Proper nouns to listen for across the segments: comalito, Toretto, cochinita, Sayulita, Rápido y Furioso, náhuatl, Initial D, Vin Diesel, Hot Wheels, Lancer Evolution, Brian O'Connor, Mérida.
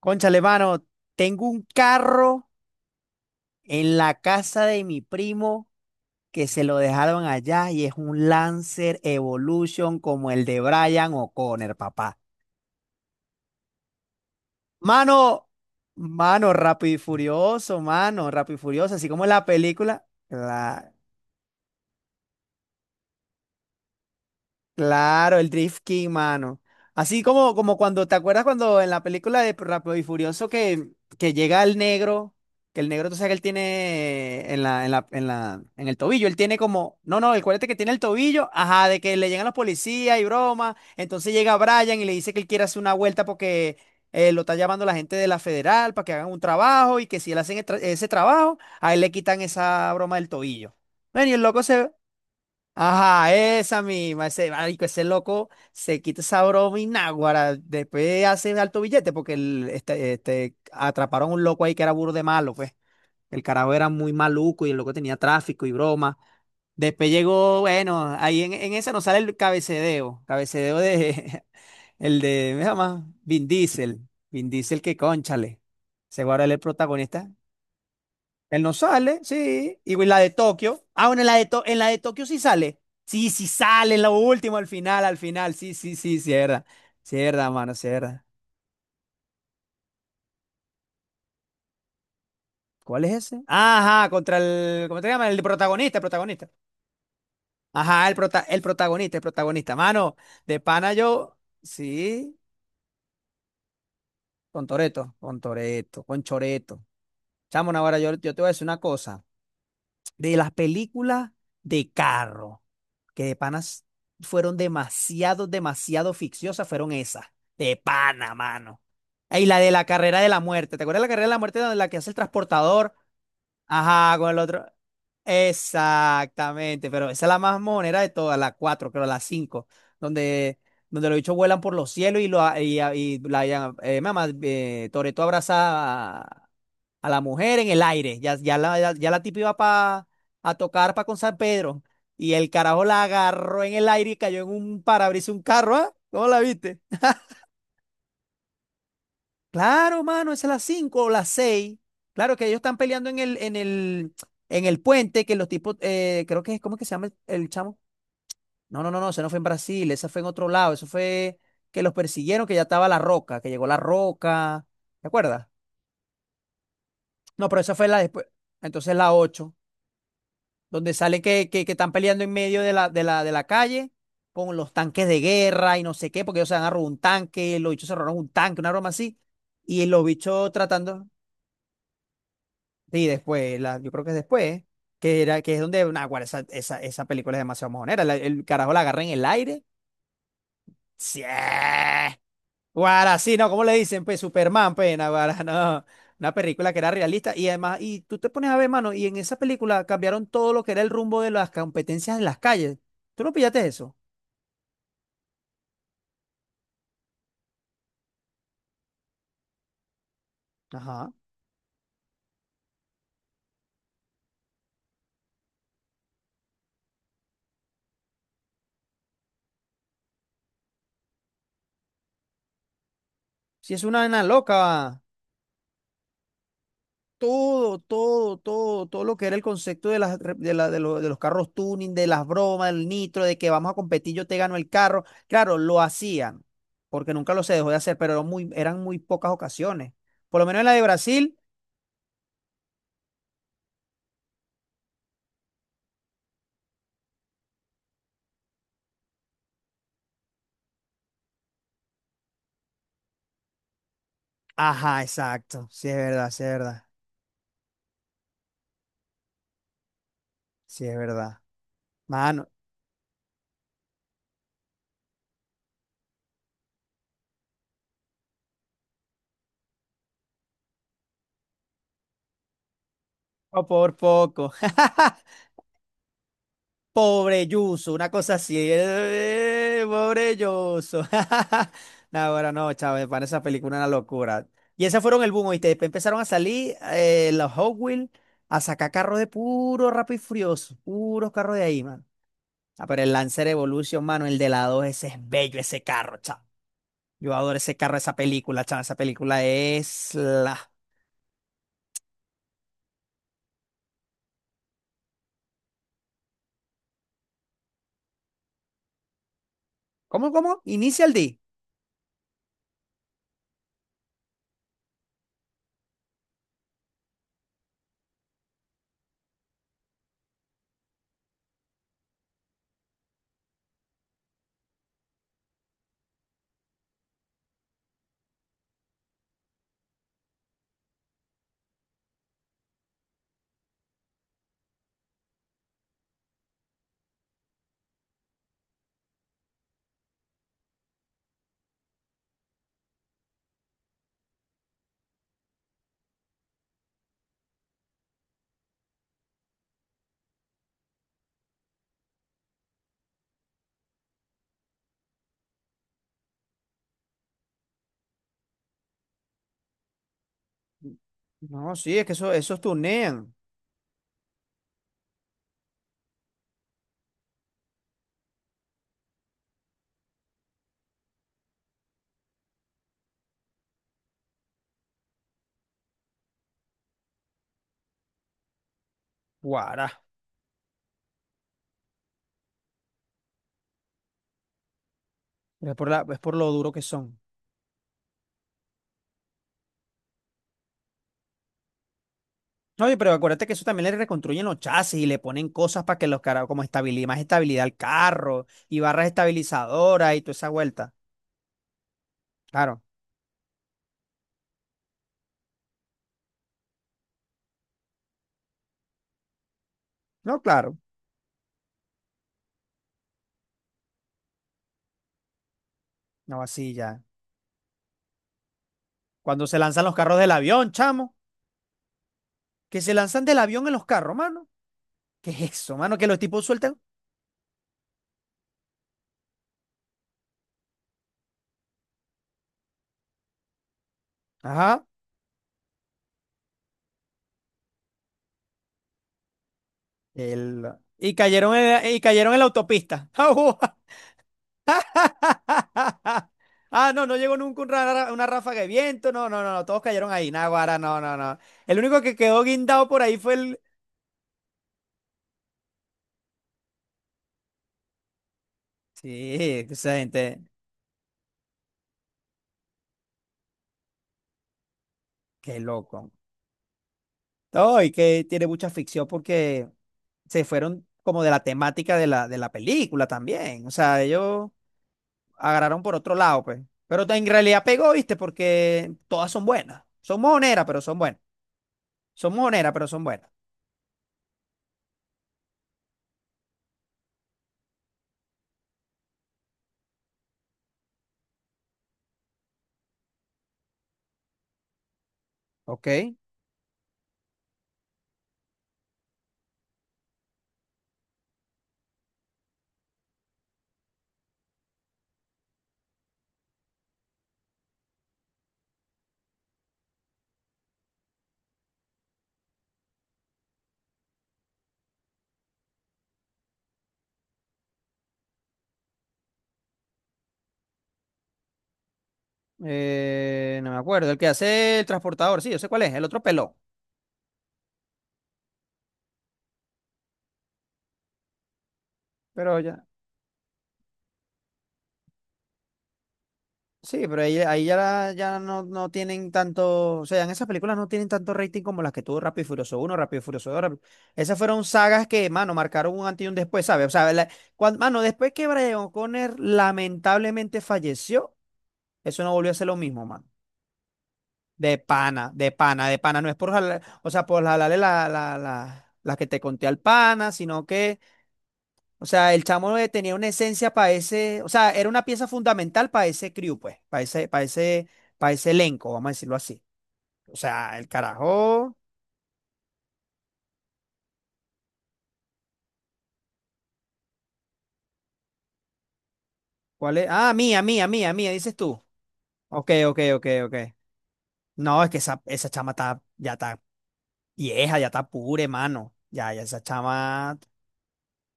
Cónchale, mano, tengo un carro en la casa de mi primo que se lo dejaron allá y es un Lancer Evolution como el de Brian O'Connor, papá. Mano, mano, Rápido y Furioso, mano, Rápido y Furioso, así como en la película. Claro, el Drift King, mano. Así como cuando, ¿te acuerdas cuando en la película de Rápido y Furioso que llega el negro, tú sabes que él tiene en el tobillo, él tiene como, no, no, el acuérdate que tiene el tobillo, ajá, de que le llegan los policías y broma, entonces llega Brian y le dice que él quiere hacer una vuelta porque lo está llamando la gente de la federal para que hagan un trabajo y que si él hace ese trabajo, a él le quitan esa broma del tobillo. Bueno, y el loco se... Ajá, esa misma, ese marico, ese loco se quita esa broma y náguara, después hace alto billete porque atraparon un loco ahí que era burro de malo, pues. El carajo era muy maluco y el loco tenía tráfico y broma. Después llegó, bueno, ahí en esa nos sale el cabecedeo de, el de, ¿me llama? Vin Diesel que cónchale, se guarda el protagonista, él no sale, sí. Y la de Tokio. Ah, bueno, en la de Tokio sí sale. Sí, sí sale, en lo último, al final, al final. Sí, sí, sí, cierra. Cierra, mano, cierra. ¿Cuál es ese? Ajá, contra el. ¿Cómo te llamas? El protagonista, el protagonista. Ajá, el protagonista, el protagonista. Mano, de pana yo. Sí, con Toreto, con Toreto, con Choreto. Chamo, ahora yo te voy a decir una cosa. De las películas de carro que de panas fueron demasiado, demasiado ficciosas, fueron esas. De pana, mano. Y la de la carrera de la muerte. ¿Te acuerdas de la carrera de la muerte donde la que hace el transportador? Ajá, con el otro. Exactamente, pero esa es la más monera de todas, la cuatro, creo, la cinco, donde, donde los bichos vuelan por los cielos y mamá, Toretto abraza a, la mujer en el aire. Ya la tipa iba a tocar para con San Pedro. Y el carajo la agarró en el aire y cayó en un parabrisas un carro, ¿ah? ¿Cómo la viste? Claro, mano, es a las 5 o las seis. Claro que ellos están peleando en el puente, que los tipos, creo que es, ¿cómo es que se llama el chamo? No, no, no, no, eso no fue en Brasil, esa fue en otro lado, eso fue que los persiguieron, que ya estaba La Roca, que llegó La Roca, ¿te acuerdas? No, pero esa fue la después, entonces la 8 donde sale que están peleando en medio de la calle con los tanques de guerra y no sé qué, porque ellos se han a robar un tanque, los bichos se robaron un tanque, una broma así, y los bichos tratando, y después, yo creo que es después, ¿eh? Que, era, que es donde, nah, guarda, esa película es demasiado mojonera, el carajo la agarra en el aire, ¡sí! Guara, sí, no, ¿cómo le dicen? Pues Superman, pues, guara, no. Una película que era realista y además, y tú te pones a ver, mano, y en esa película cambiaron todo lo que era el rumbo de las competencias en las calles. ¿Tú no pillaste eso? Ajá. Sí, es una nena loca. Todo lo que era el concepto de de los carros tuning, de las bromas, del nitro, de que vamos a competir, yo te gano el carro. Claro, lo hacían, porque nunca lo se dejó de hacer, pero eran muy pocas ocasiones. Por lo menos en la de Brasil. Ajá, exacto. Sí es verdad, sí es verdad. Sí es verdad. Mano, oh, por poco. Pobre Yuso, una cosa así. Pobre Yuso. No, ahora no, chaval, para esa película una locura. Y esas fueron el boom, ¿oíste? Después empezaron a salir los Hot Wheels a sacar carros de puro Rápido y Furioso. Puros carros de ahí, mano. Ah, pero el Lancer Evolution, mano, el de la 2, ese es bello, ese carro, chaval. Yo adoro ese carro, esa película, chaval. Esa película es la. ¿Cómo? Initial D. No, sí, es que eso, esos tunean. Guará. Pero es es por lo duro que son. Oye, pero acuérdate que eso también le reconstruyen los chasis y le ponen cosas para que los carros, como estabilidad, más estabilidad al carro y barras estabilizadoras y toda esa vuelta. Claro. No, claro. No, así ya. Cuando se lanzan los carros del avión, chamo. Que se lanzan del avión en los carros, mano. ¿Qué es eso, mano? Que los tipos sueltan. Ajá. El... Y cayeron en la autopista. Ah, no, no llegó nunca una ráfaga de viento. No, no, no, no, todos cayeron ahí. Naguará, no, no, no. El único que quedó guindado por ahí fue el. Sí, esa gente, qué loco. No, y que tiene mucha ficción porque se fueron como de la temática de la película también. O sea, ellos agarraron por otro lado, pues. Pero en realidad pegó, ¿viste? Porque todas son buenas. Son mojoneras, pero son buenas. Son mojoneras, pero son buenas. Ok. No me acuerdo. El que hace el transportador, sí, yo sé cuál es. El otro peló. Pero ya. Sí, pero ahí ya, ya no tienen tanto. O sea, en esas películas no tienen tanto rating como las que tuvo Rápido y Furioso uno, Rápido y Furioso dos, Rápido- Esas fueron sagas que, mano, marcaron un antes y un después, ¿sabes? O sea, mano, después que Brian O'Connor lamentablemente falleció, eso no volvió a ser lo mismo, mano. De pana, de pana, de pana. No es por o sea, por jalarle la, las que te conté al pana, sino que. O sea, el chamo tenía una esencia para ese, o sea, era una pieza fundamental para ese crew, pues, para ese elenco, vamos a decirlo así. O sea, el carajo, ¿cuál es? Ah, mía, dices tú. Ok, ok, ok, ok. No, es que esa chama ya está vieja, ya está pura, mano. Ya esa chama.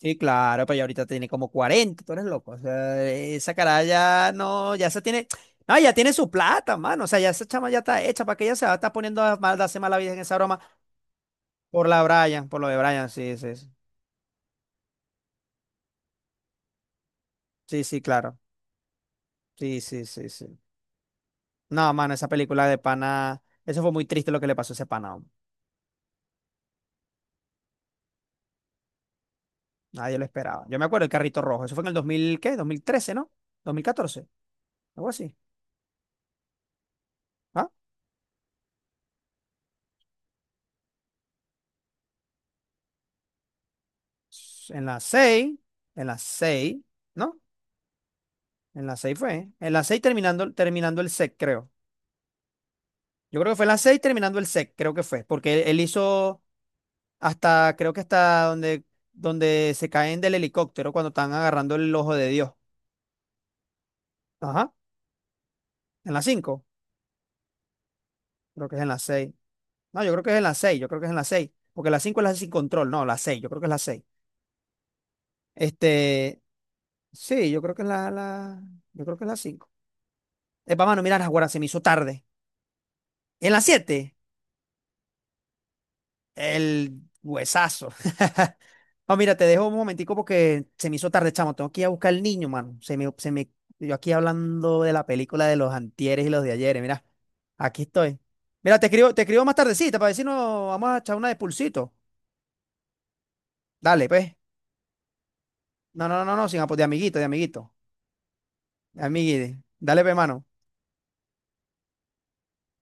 Sí, claro, pero ya ahorita tiene como 40, tú eres loco. O sea, esa cara ya no, ya se tiene, no, ya tiene su plata, mano. O sea, ya esa chama ya está hecha, ¿para que ella se va a estar poniendo a mal, darse mala vida en esa broma? Por la Brian, por lo de Brian, sí, sí, sí. Sí, sí, claro. Sí, sí, sí, sí. No, mano, esa película de pana, eso fue muy triste lo que le pasó a ese pana. Hombre. Nadie lo esperaba. Yo me acuerdo el carrito rojo, eso fue en el 2000 ¿qué? 2013, ¿no? 2014, algo así. ¿Ah? En las 6, en las 6, ¿no? En las 6 fue. En las 6 terminando el SEC, creo. Yo creo que fue en las 6 terminando el SEC, creo que fue, porque él hizo hasta, creo que hasta donde se caen del helicóptero cuando están agarrando el Ojo de Dios. Ajá. ¿En la cinco? Creo que es en la seis. No, yo creo que es en la seis, yo creo que es en la seis. Porque la 5 es la sin control, no, la seis, yo creo que es la seis. Este, sí, yo creo que es yo creo que es la 5. Epa, mano, mira, ahora se me hizo tarde. En la 7 el huesazo. No, mira, te dejo un momentico porque se me hizo tarde, chamo. Tengo que ir a buscar al niño, mano. Yo aquí hablando de la película de los antieres y los de ayeres, mira, aquí estoy. Mira, te escribo, más tardecita para decirnos, vamos a echar una de pulsito. Dale, pues. No, no, no, no, sin apoyo, de amiguito, de amiguito. Amiguito. Dale, pe, mano.